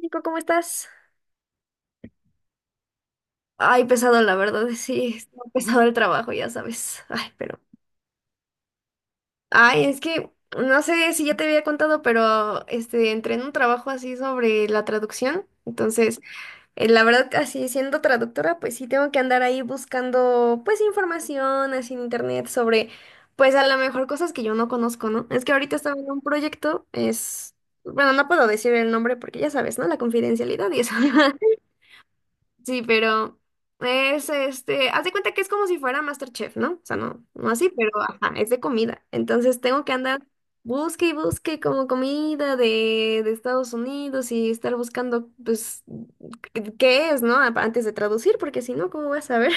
Nico, ¿cómo estás? Ay, pesado, la verdad, sí, está pesado el trabajo, ya sabes. Ay, pero. Ay, es que no sé si ya te había contado, pero entré en un trabajo así sobre la traducción. Entonces, la verdad, así siendo traductora, pues sí tengo que andar ahí buscando, pues, información así en internet sobre, pues, a lo mejor cosas que yo no conozco, ¿no? Es que ahorita estaba en un proyecto, es. Bueno, no puedo decir el nombre porque ya sabes, ¿no? La confidencialidad y eso. Sí, pero es haz de cuenta que es como si fuera MasterChef, ¿no? O sea, no, no así, pero ajá, es de comida. Entonces tengo que andar busque y busque como comida de Estados Unidos y estar buscando, pues, qué es, ¿no? Antes de traducir, porque si no, ¿cómo voy a saber?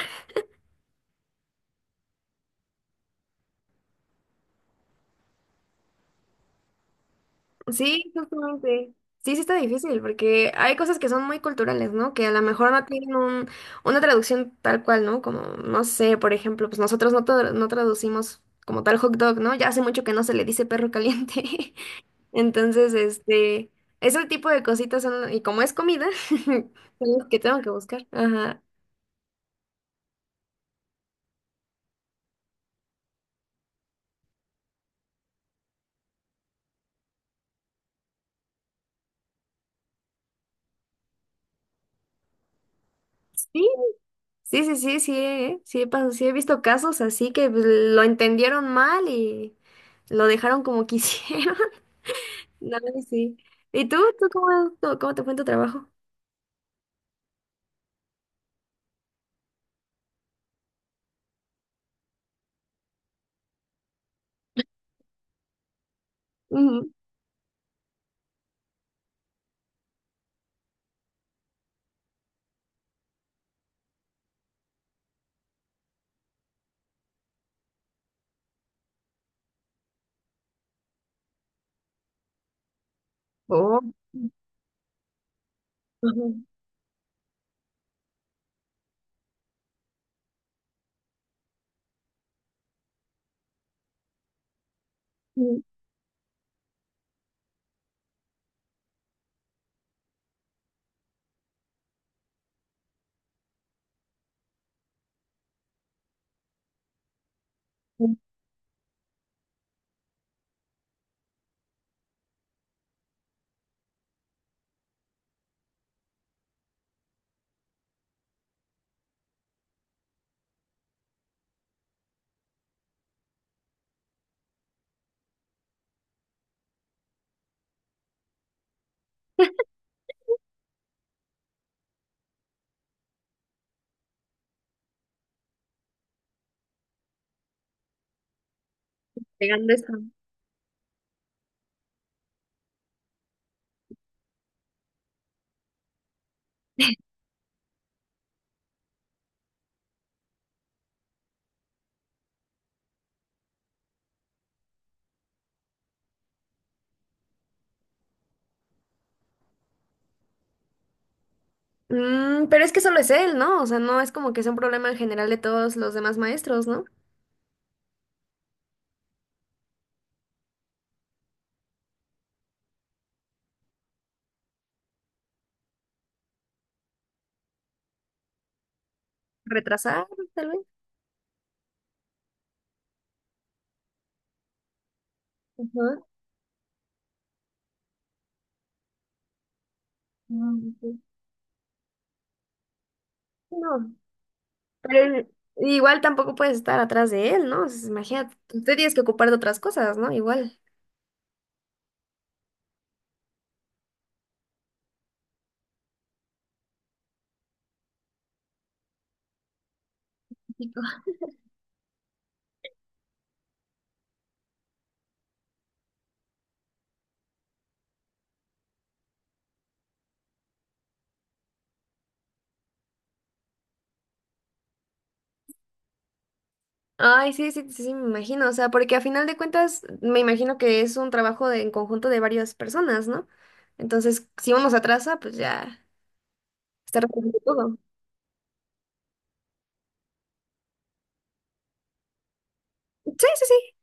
Sí, justamente. Sí, sí está difícil, porque hay cosas que son muy culturales, ¿no? Que a lo mejor no tienen un, una traducción tal cual, ¿no? Como, no sé, por ejemplo, pues nosotros no, no traducimos como tal hot dog, ¿no? Ya hace mucho que no se le dice perro caliente. Entonces, ese tipo de cositas son, y como es comida, son las que tengo que buscar. Ajá. Sí, Sí, sí he visto casos así que pues, lo entendieron mal y lo dejaron como quisieron. No, sí. ¿Y tú? ¿Cómo te fue en tu trabajo? Ujú. Oh. Ujú. Ujú. Pegando eso. Mm, pero es que solo es él, ¿no? O sea, no es como que sea un problema en general de todos los demás maestros, ¿no? Retrasar, tal vez. Ajá. Mm, sí. No, pero igual tampoco puedes estar atrás de él, ¿no? O sea, imagínate, tú te tienes que ocupar de otras cosas, ¿no? Igual. Ay, sí, sí, sí, sí, me imagino, o sea, porque a final de cuentas me imagino que es un trabajo en conjunto de varias personas, ¿no? Entonces, si uno se atrasa, pues ya está resolviendo todo. Sí, sí, sí.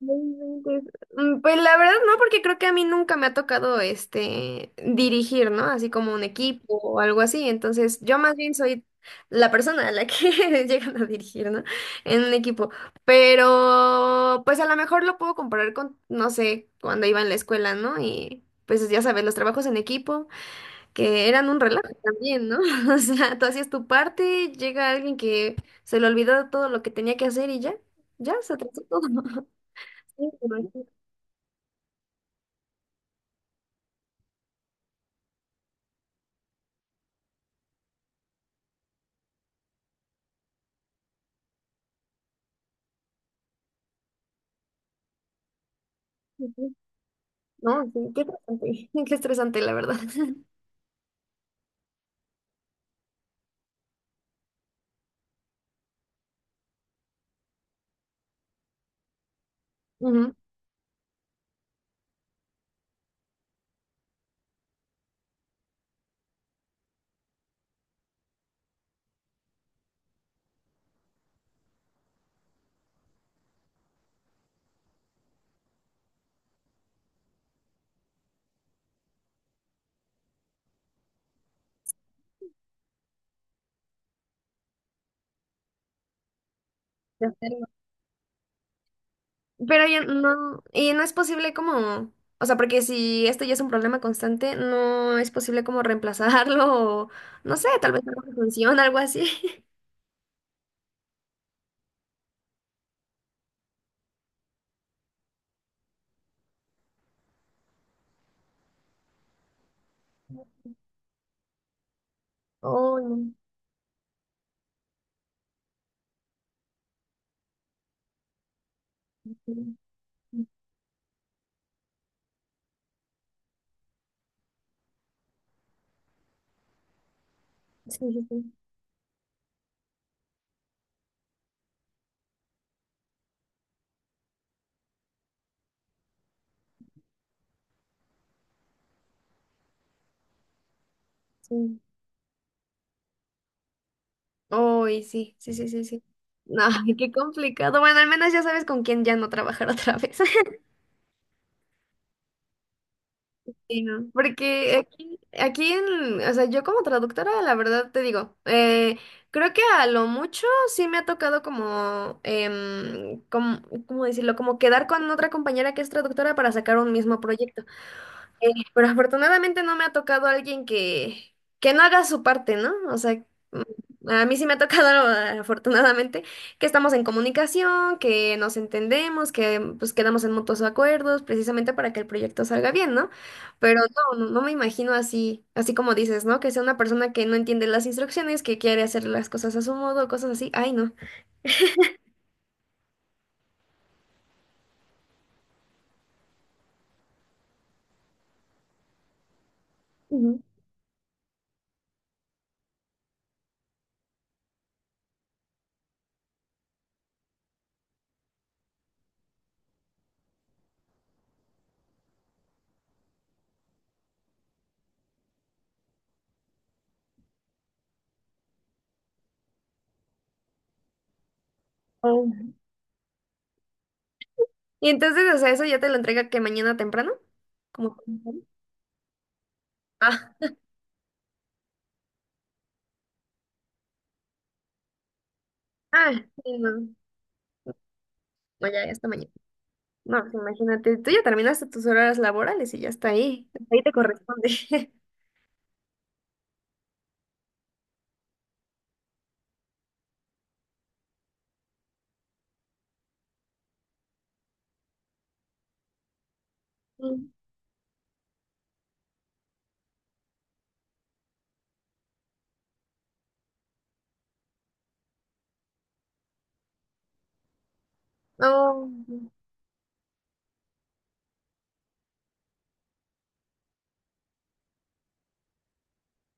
No inventes. Mm, pues la verdad no, porque creo que a mí nunca me ha tocado dirigir, ¿no? Así como un equipo o algo así. Entonces, yo más bien soy la persona a la que llegan a dirigir, ¿no? En un equipo. Pero, pues a lo mejor lo puedo comparar con, no sé, cuando iba en la escuela, ¿no? Y pues ya sabes, los trabajos en equipo, que eran un relajo también, ¿no? O sea, tú hacías tu parte, llega alguien que se le olvidó todo lo que tenía que hacer y ya, ya se atrasó todo. Sí. Ujú. No, sí, qué estresante, qué estresante, la verdad. Ujú, de hacerlo. Pero ya no, y no es posible como, o sea, porque si esto ya es un problema constante, ¿no es posible como reemplazarlo o, no sé, tal vez alguna función, algo así? Oh, no. Sí, sí, sí. Sí. Uy, sí, sí, sí, sí, sí. No, qué complicado. Bueno, al menos ya sabes con quién ya no trabajar otra vez. Sí, no, porque aquí, o sea, yo como traductora, la verdad te digo, creo que a lo mucho sí me ha tocado como, como, ¿cómo decirlo? Como quedar con otra compañera que es traductora para sacar un mismo proyecto. Pero afortunadamente no me ha tocado alguien que no haga su parte, ¿no? O sea, mm, a mí sí me ha tocado, afortunadamente, que estamos en comunicación, que nos entendemos, que pues quedamos en mutuos acuerdos, precisamente para que el proyecto salga bien, ¿no? Pero no, no me imagino así, así como dices, ¿no? Que sea una persona que no entiende las instrucciones, que quiere hacer las cosas a su modo, cosas así. Ay, no. Ujú. Oh. Y entonces, o sea, eso ya te lo entrega que mañana temprano, como... Ah, ah, sí, no. No, ya, ya está mañana. No, pues imagínate, tú ya terminaste tus horas laborales y ya está ahí. Hasta ahí te corresponde. Mm. No.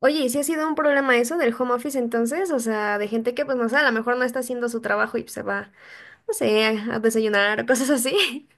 Oye, ¿y si ha sido un problema eso del home office entonces? O sea, de gente que, pues, no sé, a lo mejor no está haciendo su trabajo y se va, no sé, a desayunar o cosas así.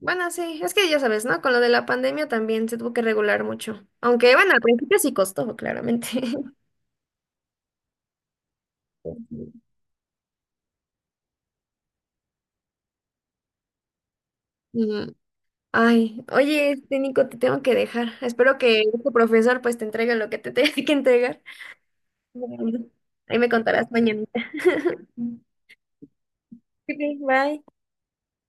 Bueno, sí, es que ya sabes, ¿no? Con lo de la pandemia también se tuvo que regular mucho. Aunque, bueno, al principio sí costó, claramente. Mm. Ay, oye, este Nico, te tengo que dejar. Espero que tu profesor pues te entregue lo que te tenga que entregar. Bueno, ahí me contarás mañanita. Ok, bye.